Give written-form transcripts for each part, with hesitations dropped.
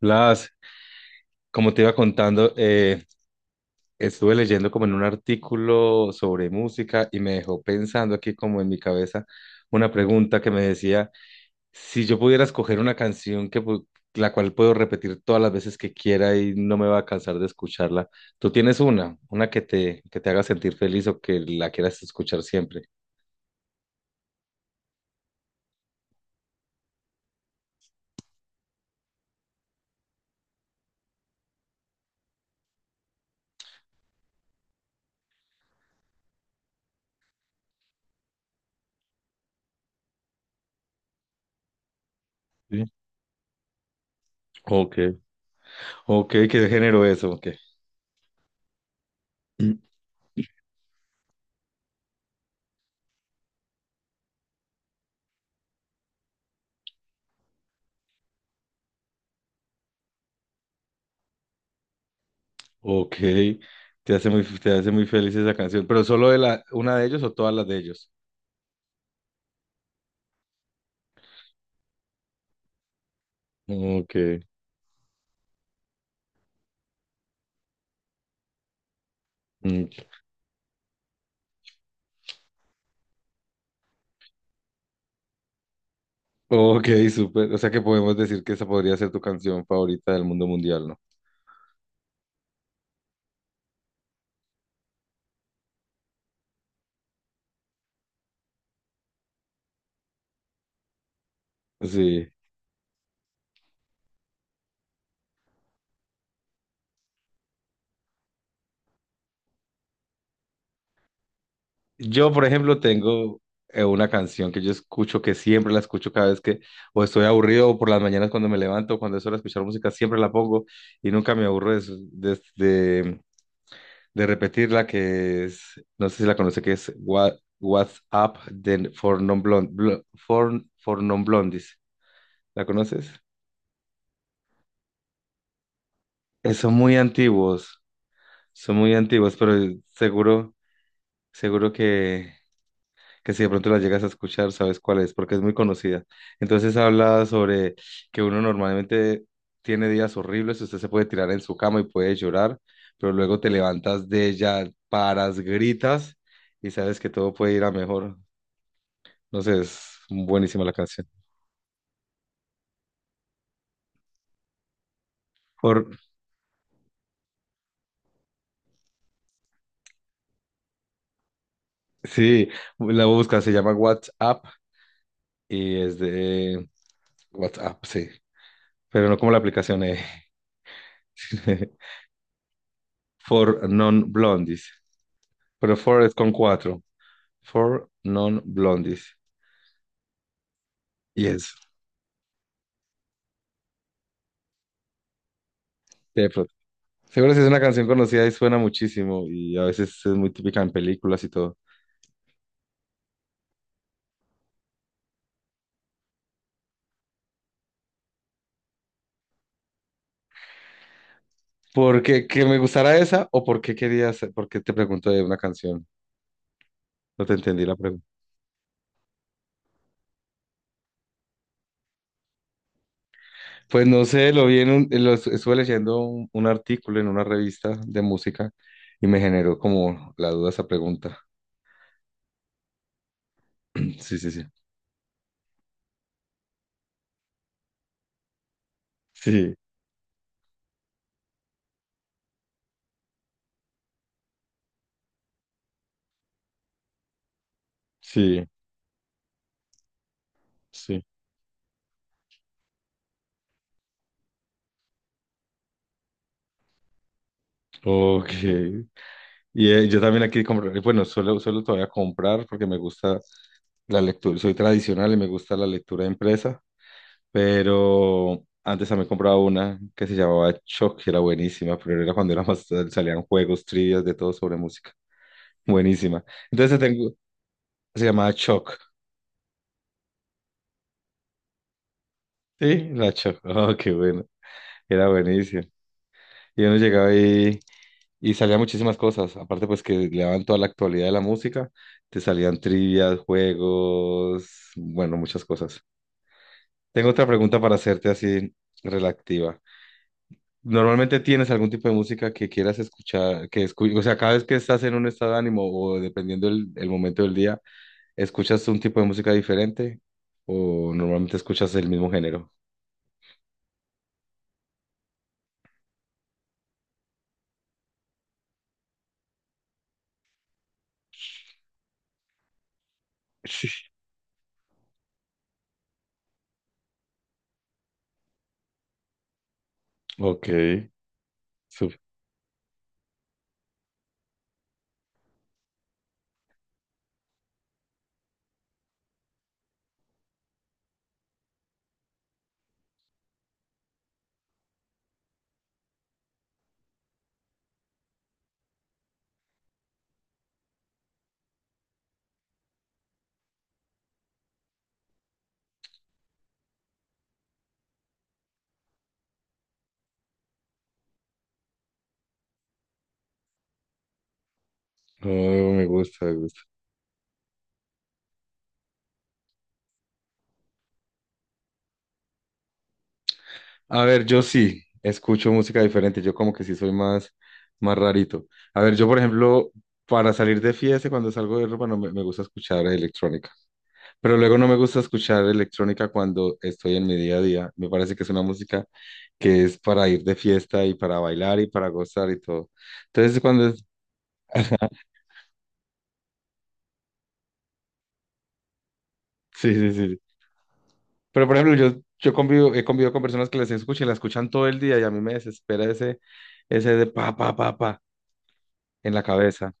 Blas, como te iba contando, estuve leyendo como en un artículo sobre música y me dejó pensando aquí como en mi cabeza una pregunta que me decía, si yo pudiera escoger una canción la cual puedo repetir todas las veces que quiera y no me va a cansar de escucharla, ¿tú tienes una que te haga sentir feliz o que la quieras escuchar siempre? Sí. Ok, ok, ¿qué género es? ¿O qué? Ok, te hace muy feliz esa canción, ¿pero solo de la, una de ellos o todas las de ellos? Ok, mm, ok, súper. O sea que podemos decir que esa podría ser tu canción favorita del mundo mundial, ¿no? Sí. Yo, por ejemplo, tengo una canción que yo escucho, que siempre la escucho cada vez que o estoy aburrido o por las mañanas cuando me levanto, cuando es hora de escuchar música, siempre la pongo y nunca me aburro de, de repetir la que es, no sé si la conoce, que es What's Up for Non for Non Blondies. ¿La conoces? Eh, son muy antiguos, son muy antiguos, pero seguro, seguro que, que si de pronto la llegas a escuchar, sabes cuál es, porque es muy conocida. Entonces habla sobre que uno normalmente tiene días horribles, usted se puede tirar en su cama y puede llorar, pero luego te levantas de ella, paras, gritas y sabes que todo puede ir a mejor. No sé, es buenísima la canción. Por, sí, la busca, se llama WhatsApp y es de WhatsApp, sí. Pero no como la aplicación, eh. For Non-Blondies. Pero For es con cuatro. For Non-Blondies. Y es de Prod. Seguro, si es una canción conocida y suena muchísimo y a veces es muy típica en películas y todo. ¿Por qué que me gustara esa o por qué querías, por qué te pregunto de una canción? No te entendí la pregunta. Pues no sé, lo vi en un, estuve leyendo un artículo en una revista de música y me generó como la duda esa pregunta. Sí, sí, sí. Sí, sí, sí. Ok. Y yo también aquí comprar, bueno, solo todavía comprar porque me gusta la lectura, soy tradicional y me gusta la lectura impresa, pero antes también compraba una que se llamaba Choc, que era buenísima, pero era cuando era más, salían juegos, trivias, de todo sobre música. Buenísima. Entonces tengo, se llamaba Choc. Sí, la chocó. Oh, qué bueno. Era buenísimo. Y uno llegaba y salían muchísimas cosas. Aparte, pues que le daban toda la actualidad de la música. Te salían trivias, juegos, bueno, muchas cosas. Tengo otra pregunta para hacerte así relativa. ¿Normalmente tienes algún tipo de música que quieras escuchar, o sea, cada vez que estás en un estado de ánimo o dependiendo el momento del día, escuchas un tipo de música diferente o normalmente escuchas el mismo género? Sí. Ok. No, no, me gusta, me gusta. A ver, yo sí escucho música diferente, yo como que sí soy más rarito. A ver, yo por ejemplo, para salir de fiesta, cuando salgo de ropa, no me, me gusta escuchar electrónica, pero luego no me gusta escuchar electrónica cuando estoy en mi día a día. Me parece que es una música que es para ir de fiesta y para bailar y para gozar y todo. Entonces, cuando... es- Sí, sí, sí. Pero por ejemplo, yo convivo, he convivido con personas que las escuchan y las escuchan todo el día y a mí me desespera ese de pa, pa, pa, pa en la cabeza.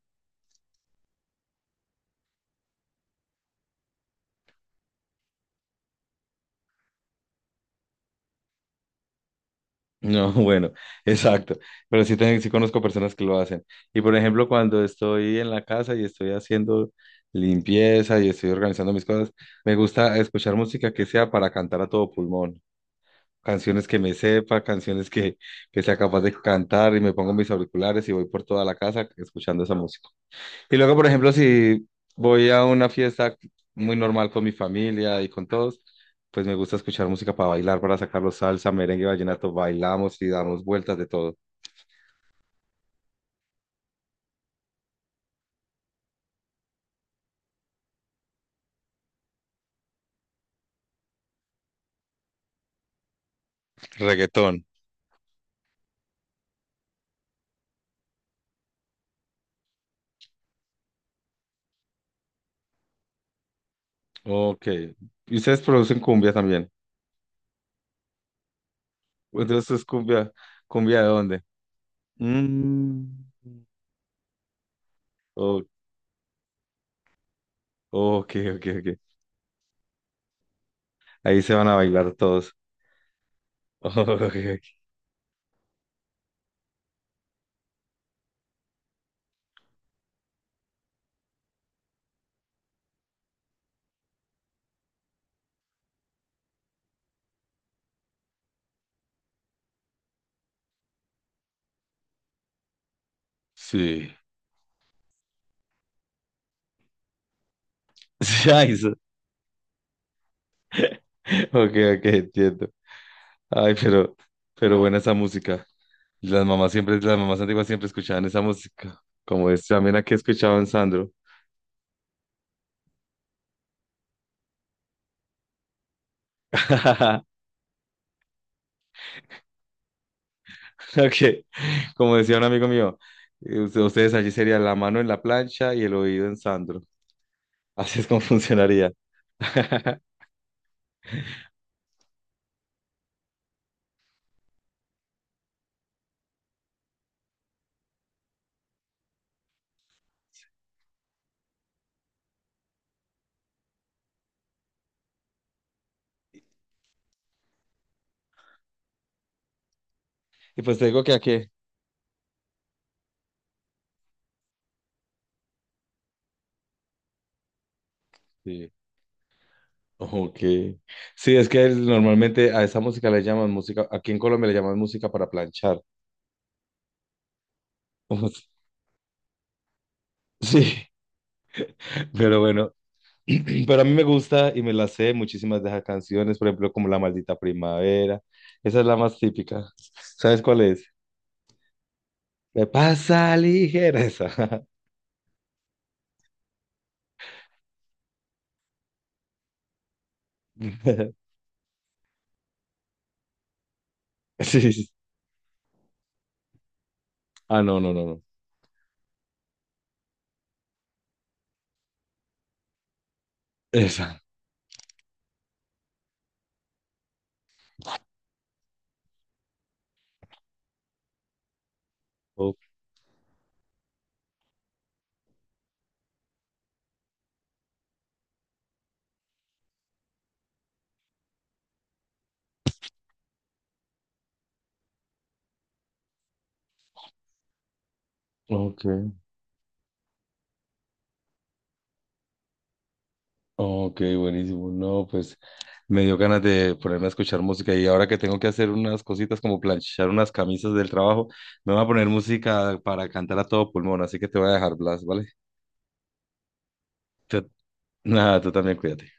No, bueno, exacto. Pero sí, sí conozco personas que lo hacen. Y por ejemplo, cuando estoy en la casa y estoy haciendo limpieza y estoy organizando mis cosas, me gusta escuchar música que sea para cantar a todo pulmón. Canciones que me sepa, que sea capaz de cantar y me pongo mis auriculares y voy por toda la casa escuchando esa música. Y luego, por ejemplo, si voy a una fiesta muy normal con mi familia y con todos, pues me gusta escuchar música para bailar, para sacarlo salsa, merengue, vallenato, bailamos y damos vueltas de todo. Reggaetón. Ok. Y ustedes producen cumbia también. Entonces, ¿es cumbia de dónde? Mm. O- ok, ok, ok. Ahí se van a bailar todos. Ok, ok. Sí. Sí, ay, eso. Ok, ok, entiendo. Ay, pero buena esa música. Y las mamás siempre, las mamás antiguas siempre escuchaban esa música. Como es también aquí escuchaban Sandro. Ok. Como decía un amigo mío, ustedes allí sería la mano en la plancha y el oído en Sandro. Así es como funcionaría. Y pues te digo que aquí. Sí. Ok. Sí, es que normalmente a esa música le llaman música, aquí en Colombia le llaman música para planchar. Sí, pero bueno, pero a mí me gusta y me la sé muchísimas de esas canciones, por ejemplo, como La Maldita Primavera. Esa es la más típica. ¿Sabes cuál es? Me pasa ligera esa. Sí, sí. Ah, no, no, no, no. Esa. O- ok, ok, buenísimo. No, pues me dio ganas de ponerme a escuchar música y ahora que tengo que hacer unas cositas como planchar unas camisas del trabajo, me voy a poner música para cantar a todo pulmón, así que te voy a dejar, Blas, ¿vale? Tú- nada, tú también cuídate.